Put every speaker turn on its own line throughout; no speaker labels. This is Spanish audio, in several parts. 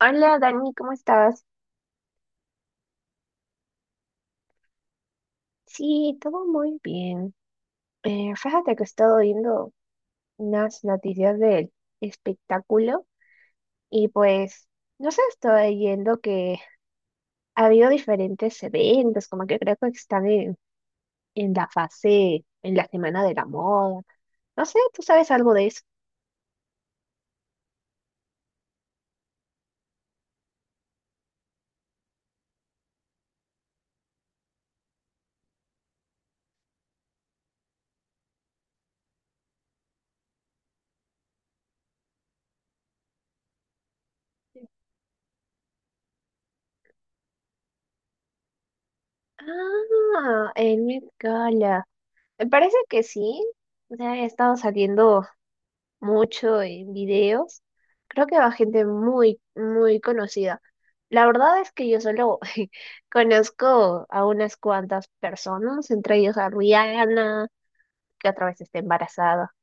Hola Dani, ¿cómo estás? Sí, todo muy bien. Fíjate que he estado viendo unas noticias del espectáculo y pues, no sé, estoy viendo que ha habido diferentes eventos, como que creo que están en la fase, en la semana de la moda. No sé, ¿tú sabes algo de eso? Ah, el Met Gala. Me parece que sí. O sea, he estado saliendo mucho en videos. Creo que va gente muy, muy conocida. La verdad es que yo solo conozco a unas cuantas personas, entre ellos a Rihanna, que otra vez está embarazada.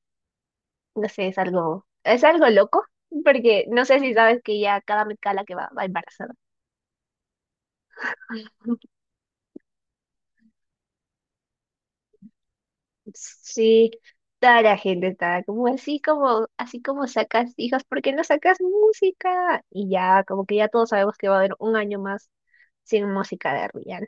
No sé, es algo loco, porque no sé si sabes que ya cada Met Gala que va, va embarazada. Sí, toda la gente estaba como así como sacas hijas. ¿Por qué no sacas música? Y ya, como que ya todos sabemos que va a haber un año más sin música de Rihanna.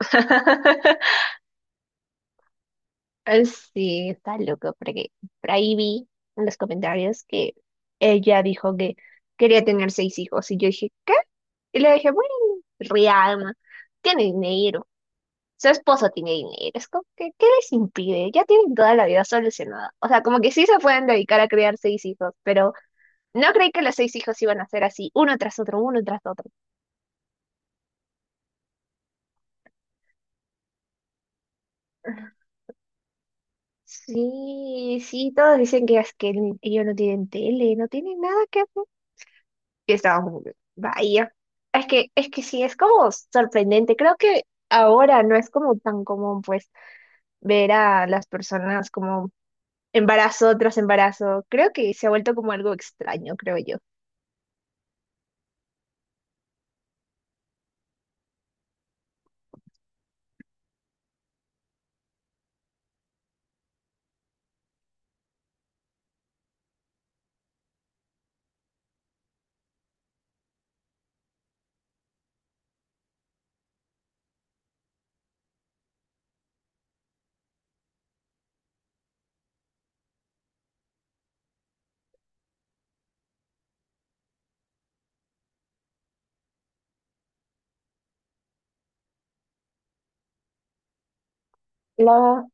Sí, está loco, porque por ahí vi en los comentarios que ella dijo que quería tener seis hijos y yo dije, ¿qué? Y le dije, bueno, Rihanna tiene dinero, su esposo tiene dinero, es como que, ¿qué les impide? Ya tienen toda la vida solucionada. O sea, como que sí se pueden dedicar a criar seis hijos, pero no creí que los seis hijos iban a ser así, uno tras otro, uno tras otro. Sí, sí, todos dicen que es que ellos no tienen tele, no tienen nada que hacer. Y estábamos como que, vaya. Es que sí, es como sorprendente. Creo que ahora no es como tan común, pues, ver a las personas como embarazo tras embarazo. Creo que se ha vuelto como algo extraño, creo yo. La...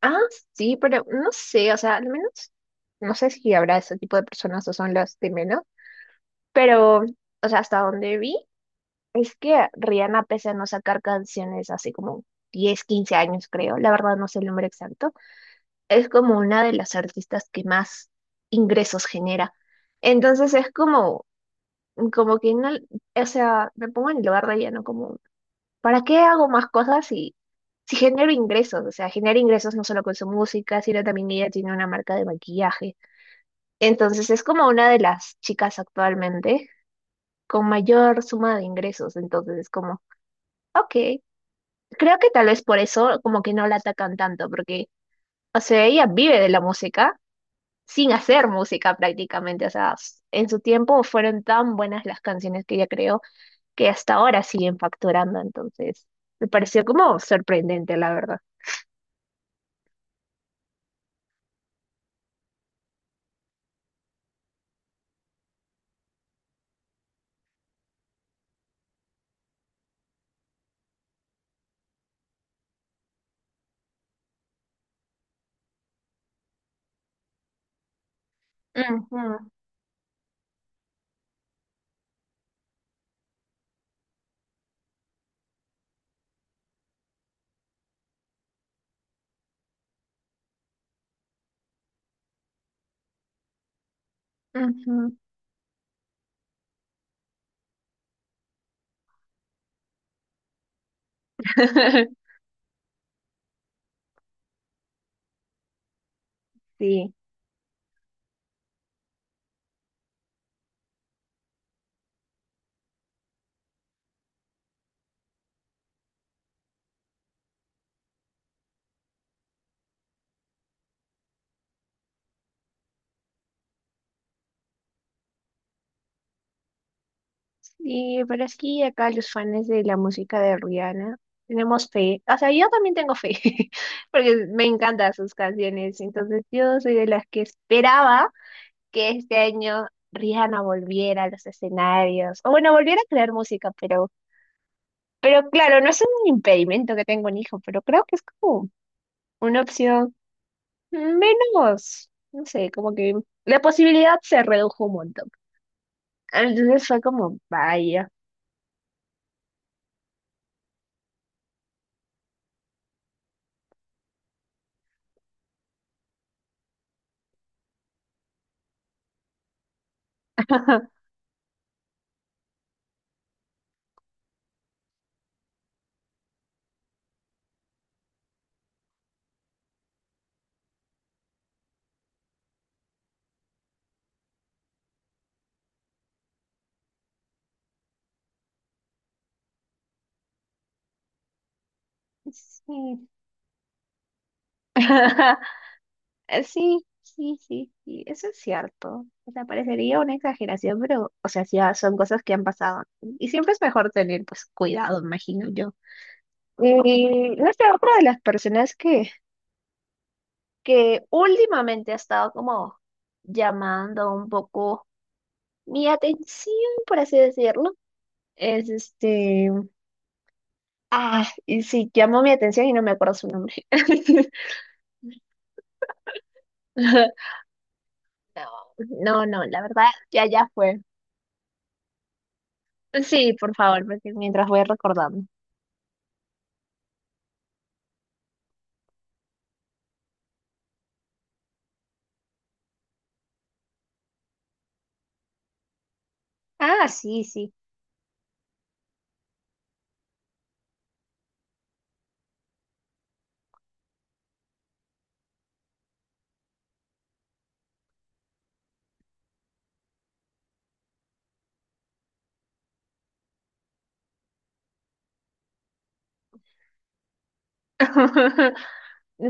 Ah, sí, pero no sé, o sea, al menos, no sé si habrá ese tipo de personas o son las de menos, pero, o sea, hasta donde vi, es que Rihanna, pese a no sacar canciones hace como 10 15 años, creo, la verdad no sé el número exacto, es como una de las artistas que más ingresos genera. Entonces es como, como que no, o sea, me pongo en el lugar de ella, ¿no? Como ¿para qué hago más cosas si genero ingresos? O sea, genera ingresos no solo con su música, sino también ella tiene una marca de maquillaje. Entonces es como una de las chicas actualmente con mayor suma de ingresos. Entonces es como, ok, creo que tal vez por eso como que no la atacan tanto, porque, o sea, ella vive de la música sin hacer música prácticamente. O sea, en su tiempo fueron tan buenas las canciones que ella creó que hasta ahora siguen facturando. Entonces, me pareció como sorprendente, la verdad. Ujú, ujú. Sí, sí, pero es que acá los fans de la música de Rihanna tenemos fe. O sea, yo también tengo fe, porque me encantan sus canciones. Entonces, yo soy de las que esperaba que este año Rihanna volviera a los escenarios. O bueno, volviera a crear música, pero, claro, no es un impedimento que tenga un hijo, pero creo que es como una opción menos, no sé, como que la posibilidad se redujo un montón. Entonces fue como, vaya. Sí, sí, sí, sí, sí, eso es cierto. O sea, parecería una exageración, pero, o sea, sí, ah, son cosas que han pasado. Y siempre es mejor tener, pues, cuidado, imagino yo. Y no sé, otra de las personas que últimamente ha estado como llamando un poco mi atención, por así decirlo, es este... Ah, y sí, llamó mi atención y no me acuerdo su nombre. No, no, no, la verdad, ya, ya fue. Sí, por favor, porque mientras voy recordando. Ah, sí, sí.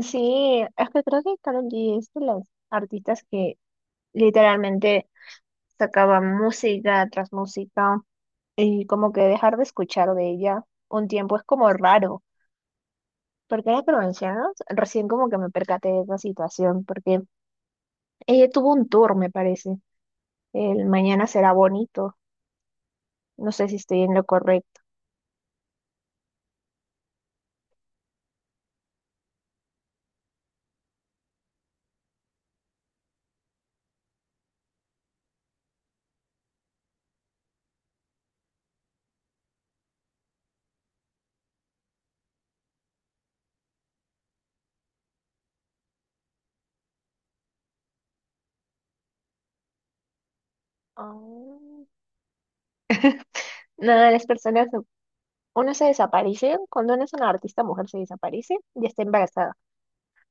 Sí, es que creo que Karol G es de las artistas que literalmente sacaba música tras música y como que dejar de escuchar de ella un tiempo es como raro, porque ahora que lo mencionas, recién como que me percaté de esa situación, porque ella tuvo un tour, me parece, el Mañana será bonito, no sé si estoy en lo correcto. Ah. Nada, las personas, uno se desaparece, cuando uno es una artista mujer se desaparece y está embarazada.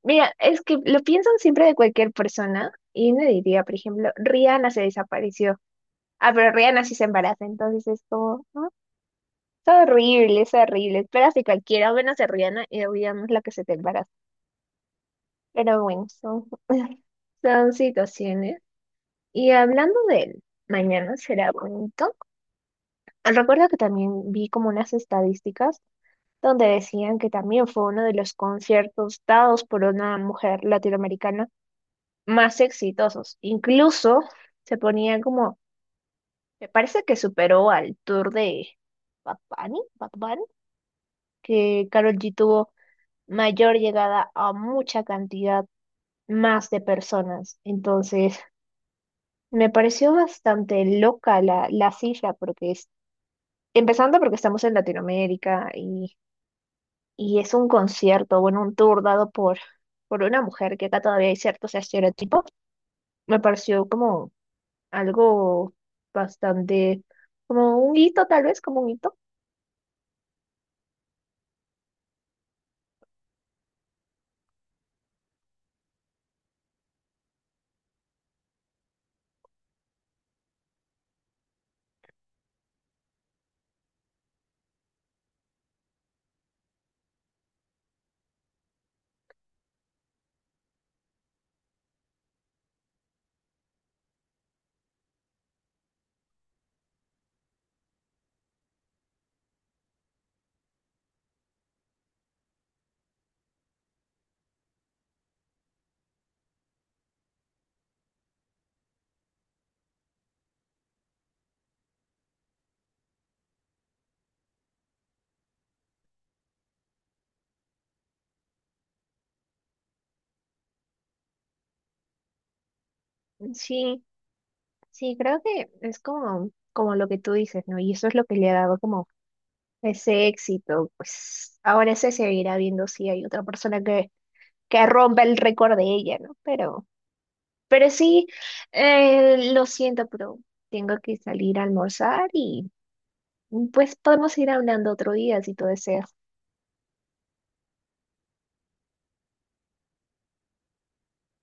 Mira, es que lo piensan siempre de cualquier persona y me diría, por ejemplo, Rihanna se desapareció. Ah, pero Rihanna sí se embaraza, entonces es como, ¿no? Es horrible, es horrible. Esperas de cualquiera, menos de Rihanna y olvidamos la que se te embaraza. Pero bueno, son, son situaciones. Y hablando de mañana será bonito. Recuerdo que también vi como unas estadísticas donde decían que también fue uno de los conciertos dados por una mujer latinoamericana más exitosos. Incluso se ponía como, me parece que superó al tour de Bad Bunny, Bad Bunny, que Karol G tuvo mayor llegada a mucha cantidad más de personas. Entonces, me pareció bastante loca la cifra, porque es, empezando porque estamos en Latinoamérica y es un concierto, bueno, un tour dado por una mujer, que acá todavía hay ciertos estereotipos, me pareció como algo bastante, como un hito tal vez, como un hito. Sí, sí, creo que es como, como lo que tú dices, ¿no? Y eso es lo que le ha dado como ese éxito, pues ahora se seguirá viendo si hay otra persona que, rompa el récord de ella, ¿no? Pero sí, lo siento, pero tengo que salir a almorzar y... Pues podemos ir hablando otro día si tú deseas.